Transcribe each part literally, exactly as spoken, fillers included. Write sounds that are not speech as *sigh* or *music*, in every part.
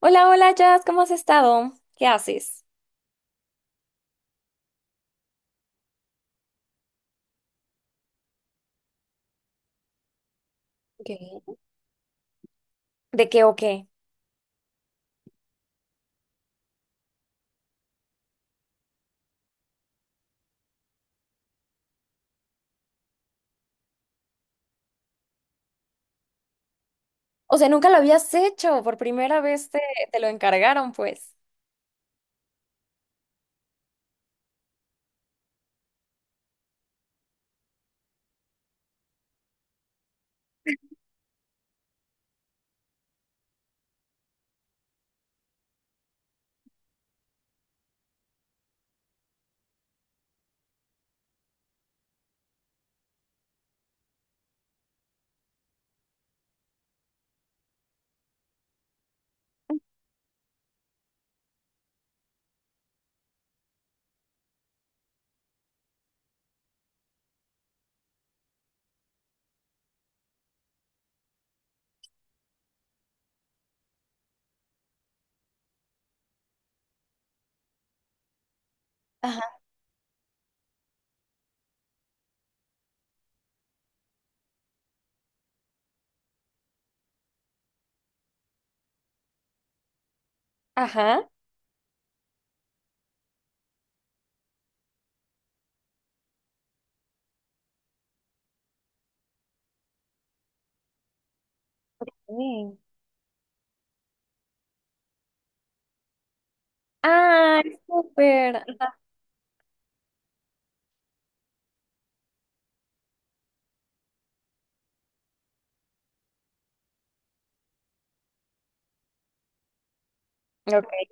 Hola, hola, Jazz, ¿cómo has estado? ¿Qué haces? Ok. ¿De qué o qué? O sea, nunca lo habías hecho, por primera vez te, te lo encargaron, pues. Ajá. Ajá. Sí. Ay, súper. Ajá. Ok.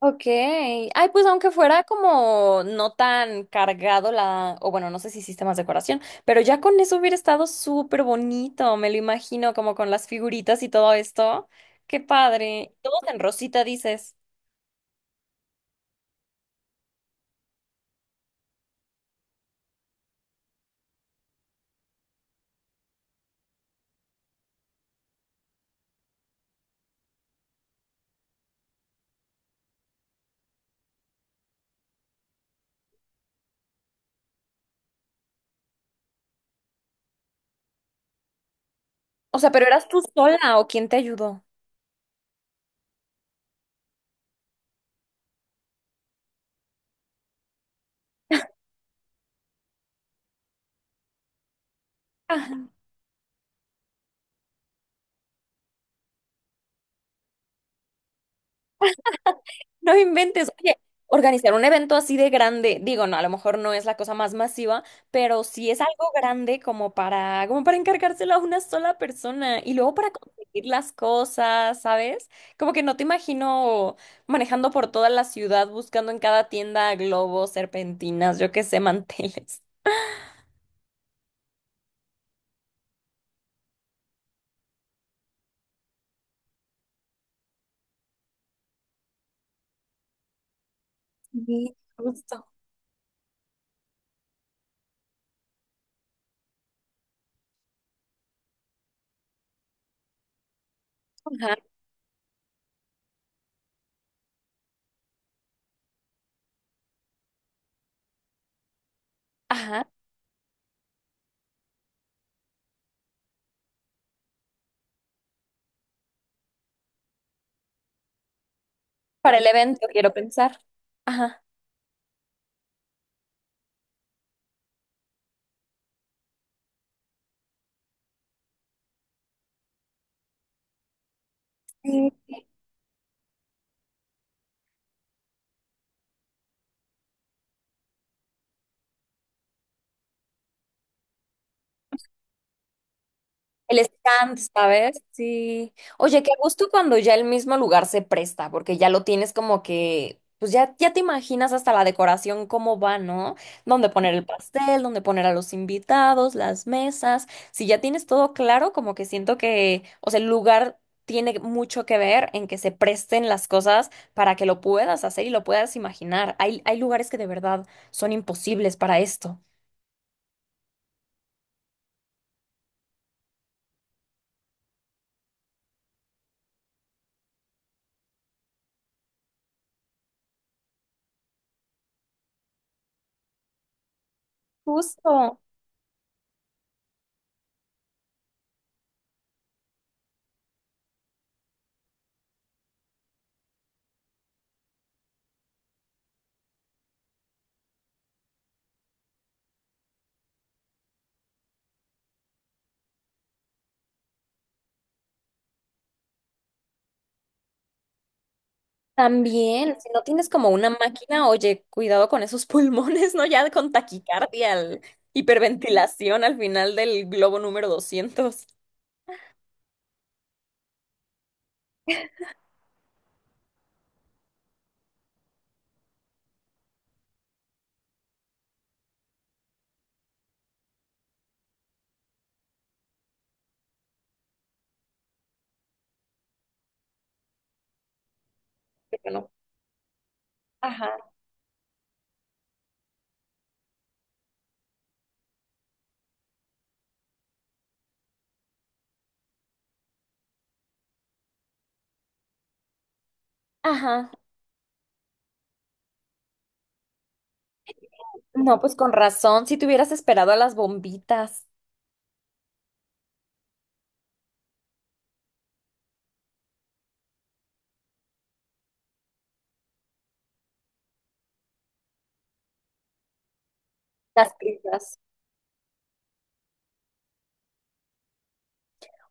Ok. Ay, pues aunque fuera como no tan cargado la, o bueno, no sé si hiciste más decoración, pero ya con eso hubiera estado súper bonito, me lo imagino, como con las figuritas y todo esto. Qué padre. Todos en rosita, dices. O sea, pero ¿eras tú sola o quién te ayudó? No inventes, oye, organizar un evento así de grande, digo, no, a lo mejor no es la cosa más masiva, pero sí es algo grande como para, como para encargárselo a una sola persona y luego para conseguir las cosas, ¿sabes? Como que no te imagino manejando por toda la ciudad buscando en cada tienda globos, serpentinas, yo qué sé, *laughs* manteles. Sí, justo. Ajá, ajá. Para el evento quiero pensar. Ajá. El stand, ¿sabes? Sí. Oye, qué gusto cuando ya el mismo lugar se presta, porque ya lo tienes como que, pues ya, ya te imaginas hasta la decoración cómo va, ¿no? Dónde poner el pastel, dónde poner a los invitados, las mesas. Si ya tienes todo claro, como que siento que, o sea, el lugar tiene mucho que ver en que se presten las cosas para que lo puedas hacer y lo puedas imaginar. Hay, hay lugares que de verdad son imposibles para esto. Justo. También, si no tienes como una máquina, oye, cuidado con esos *laughs* pulmones, ¿no? Ya con taquicardia, al- hiperventilación al final del globo número doscientos. Pero no. Ajá. Ajá. No, pues con razón, si te hubieras esperado a las bombitas, las prisas.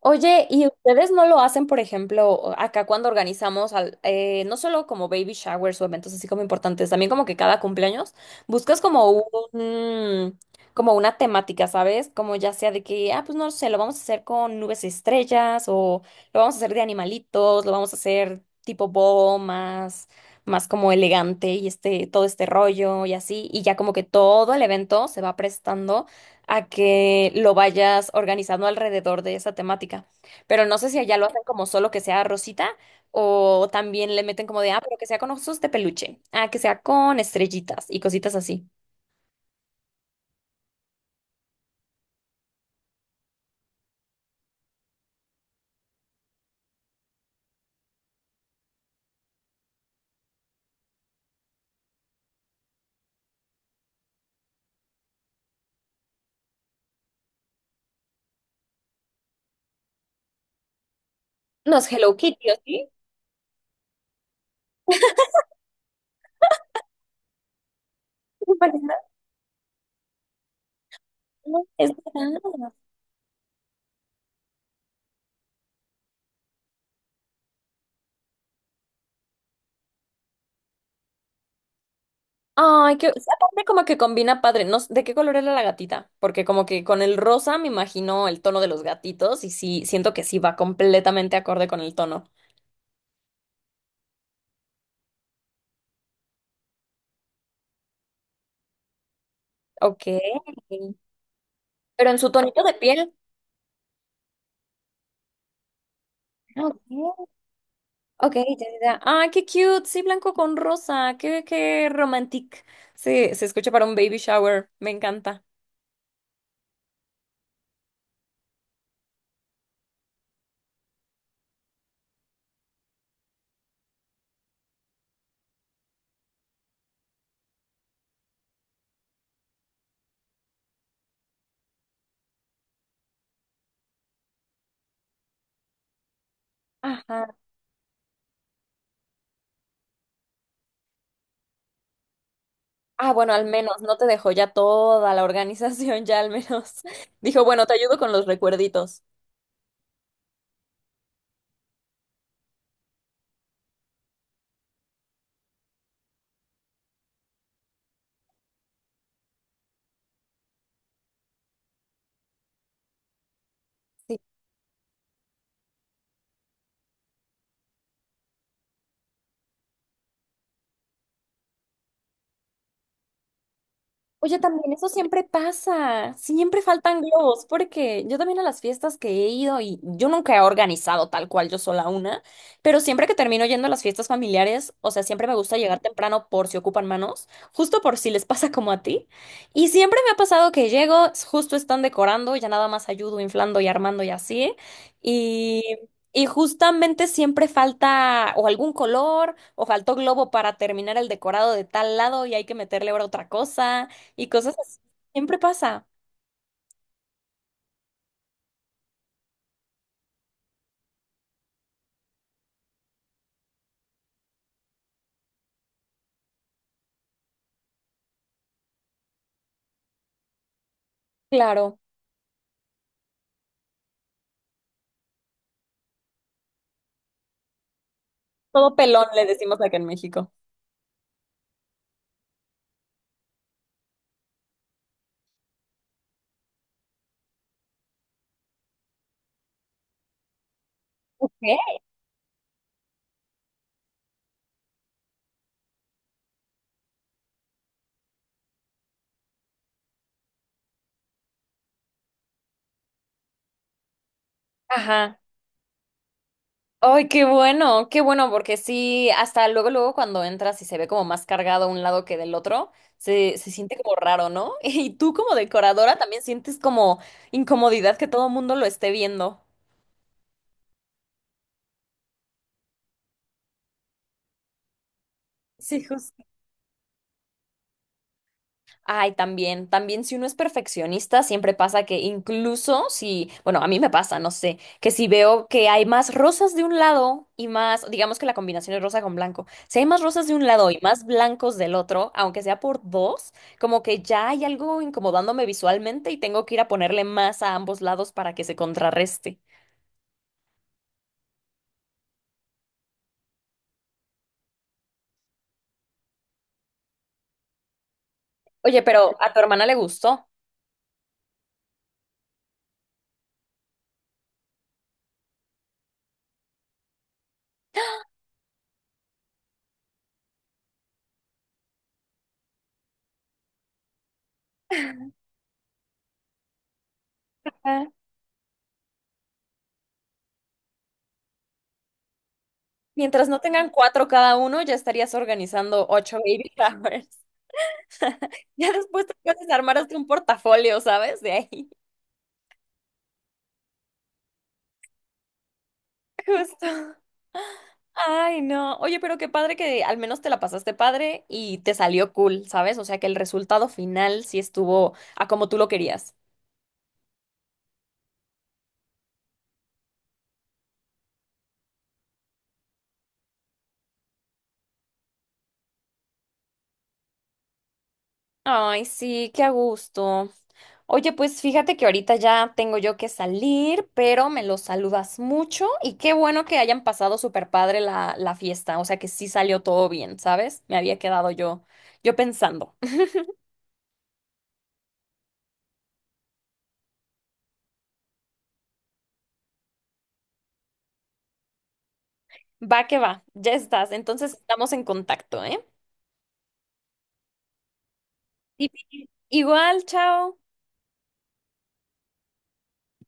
Oye, ¿y ustedes no lo hacen, por ejemplo, acá cuando organizamos, al- eh, no solo como baby showers o eventos así como importantes, también como que cada cumpleaños buscas como un, mm, como una temática, ¿sabes? Como ya sea de que, ah, pues no sé, lo vamos a hacer con nubes estrellas o lo vamos a hacer de animalitos, lo vamos a hacer tipo boho más, más como elegante y este, todo este rollo y así, y ya como que todo el evento se va prestando a que lo vayas organizando alrededor de esa temática. Pero no sé si allá lo hacen como solo que sea rosita o también le meten como de, ah, pero que sea con osos de peluche, ah, que sea con estrellitas y cositas así. ¿No es Hello Kitty, o sí? No, es verdad. Ay, que aparte como que combina padre. No sé, ¿de qué color era la gatita? Porque como que con el rosa me imagino el tono de los gatitos y sí, siento que sí va completamente acorde con el tono. Ok. Pero en su tonito de piel. Ok. Ok, ya, ya. ya. Ah, qué cute. Sí, blanco con rosa. Qué, qué romantic. Sí, se escucha para un baby shower. Me encanta. Ajá. Ah, bueno, al menos no te dejó ya toda la organización, *laughs* ya al menos. Dijo, bueno, te ayudo con los recuerditos. Oye, también eso siempre pasa, siempre faltan globos, porque yo también a las fiestas que he ido y yo nunca he organizado tal cual yo sola una, pero siempre que termino yendo a las fiestas familiares, o sea, siempre me gusta llegar temprano por si ocupan manos, justo por si les *laughs* pasa como a ti, y siempre me ha pasado que llego, s- justo están decorando, ya nada más ayudo inflando y armando y así, y... Y justamente siempre falta o algún color o faltó globo para terminar el decorado de tal lado y hay que meterle ahora otra cosa y cosas así. Siempre pasa. Claro. Todo pelón le decimos acá en México. ¿Qué? Ajá. Ay, qué bueno, qué bueno, porque sí, hasta luego, luego cuando entras y se ve como más cargado un lado que del otro, se, se siente como raro, ¿no? *laughs* Y tú como decoradora también sientes como incomodidad que todo el mundo lo esté viendo. Sí. Ay, también, también si uno es perfeccionista, siempre pasa que incluso si, bueno, a mí me pasa, no sé, que si veo que hay más rosas de un lado y más, digamos que la combinación es rosa con blanco, si hay más rosas de un lado y más blancos del otro, aunque sea por dos, como que ya hay algo incomodándome visualmente y tengo que ir a ponerle más a ambos lados para que se contrarreste. Oye, pero a tu hermana le gustó. Ah, mientras no tengan cuatro cada uno, ya estarías organizando ocho baby showers. *laughs* Ya después te puedes armar hasta un portafolio, ¿sabes? De ahí. *laughs* Justo. Ay, no. Oye, pero qué padre que al menos te la pasaste padre y te salió cool, ¿sabes? O sea, que el resultado final sí estuvo a como tú lo querías. Ay, sí, qué a gusto. Oye, pues fíjate que ahorita ya tengo yo que salir, pero me los saludas mucho y qué bueno que hayan pasado súper padre la, la fiesta. O sea, que sí salió todo bien, ¿sabes? Me había quedado yo, yo pensando. Va que va, ya estás. Entonces estamos en contacto, ¿eh? Sí, igual, chao.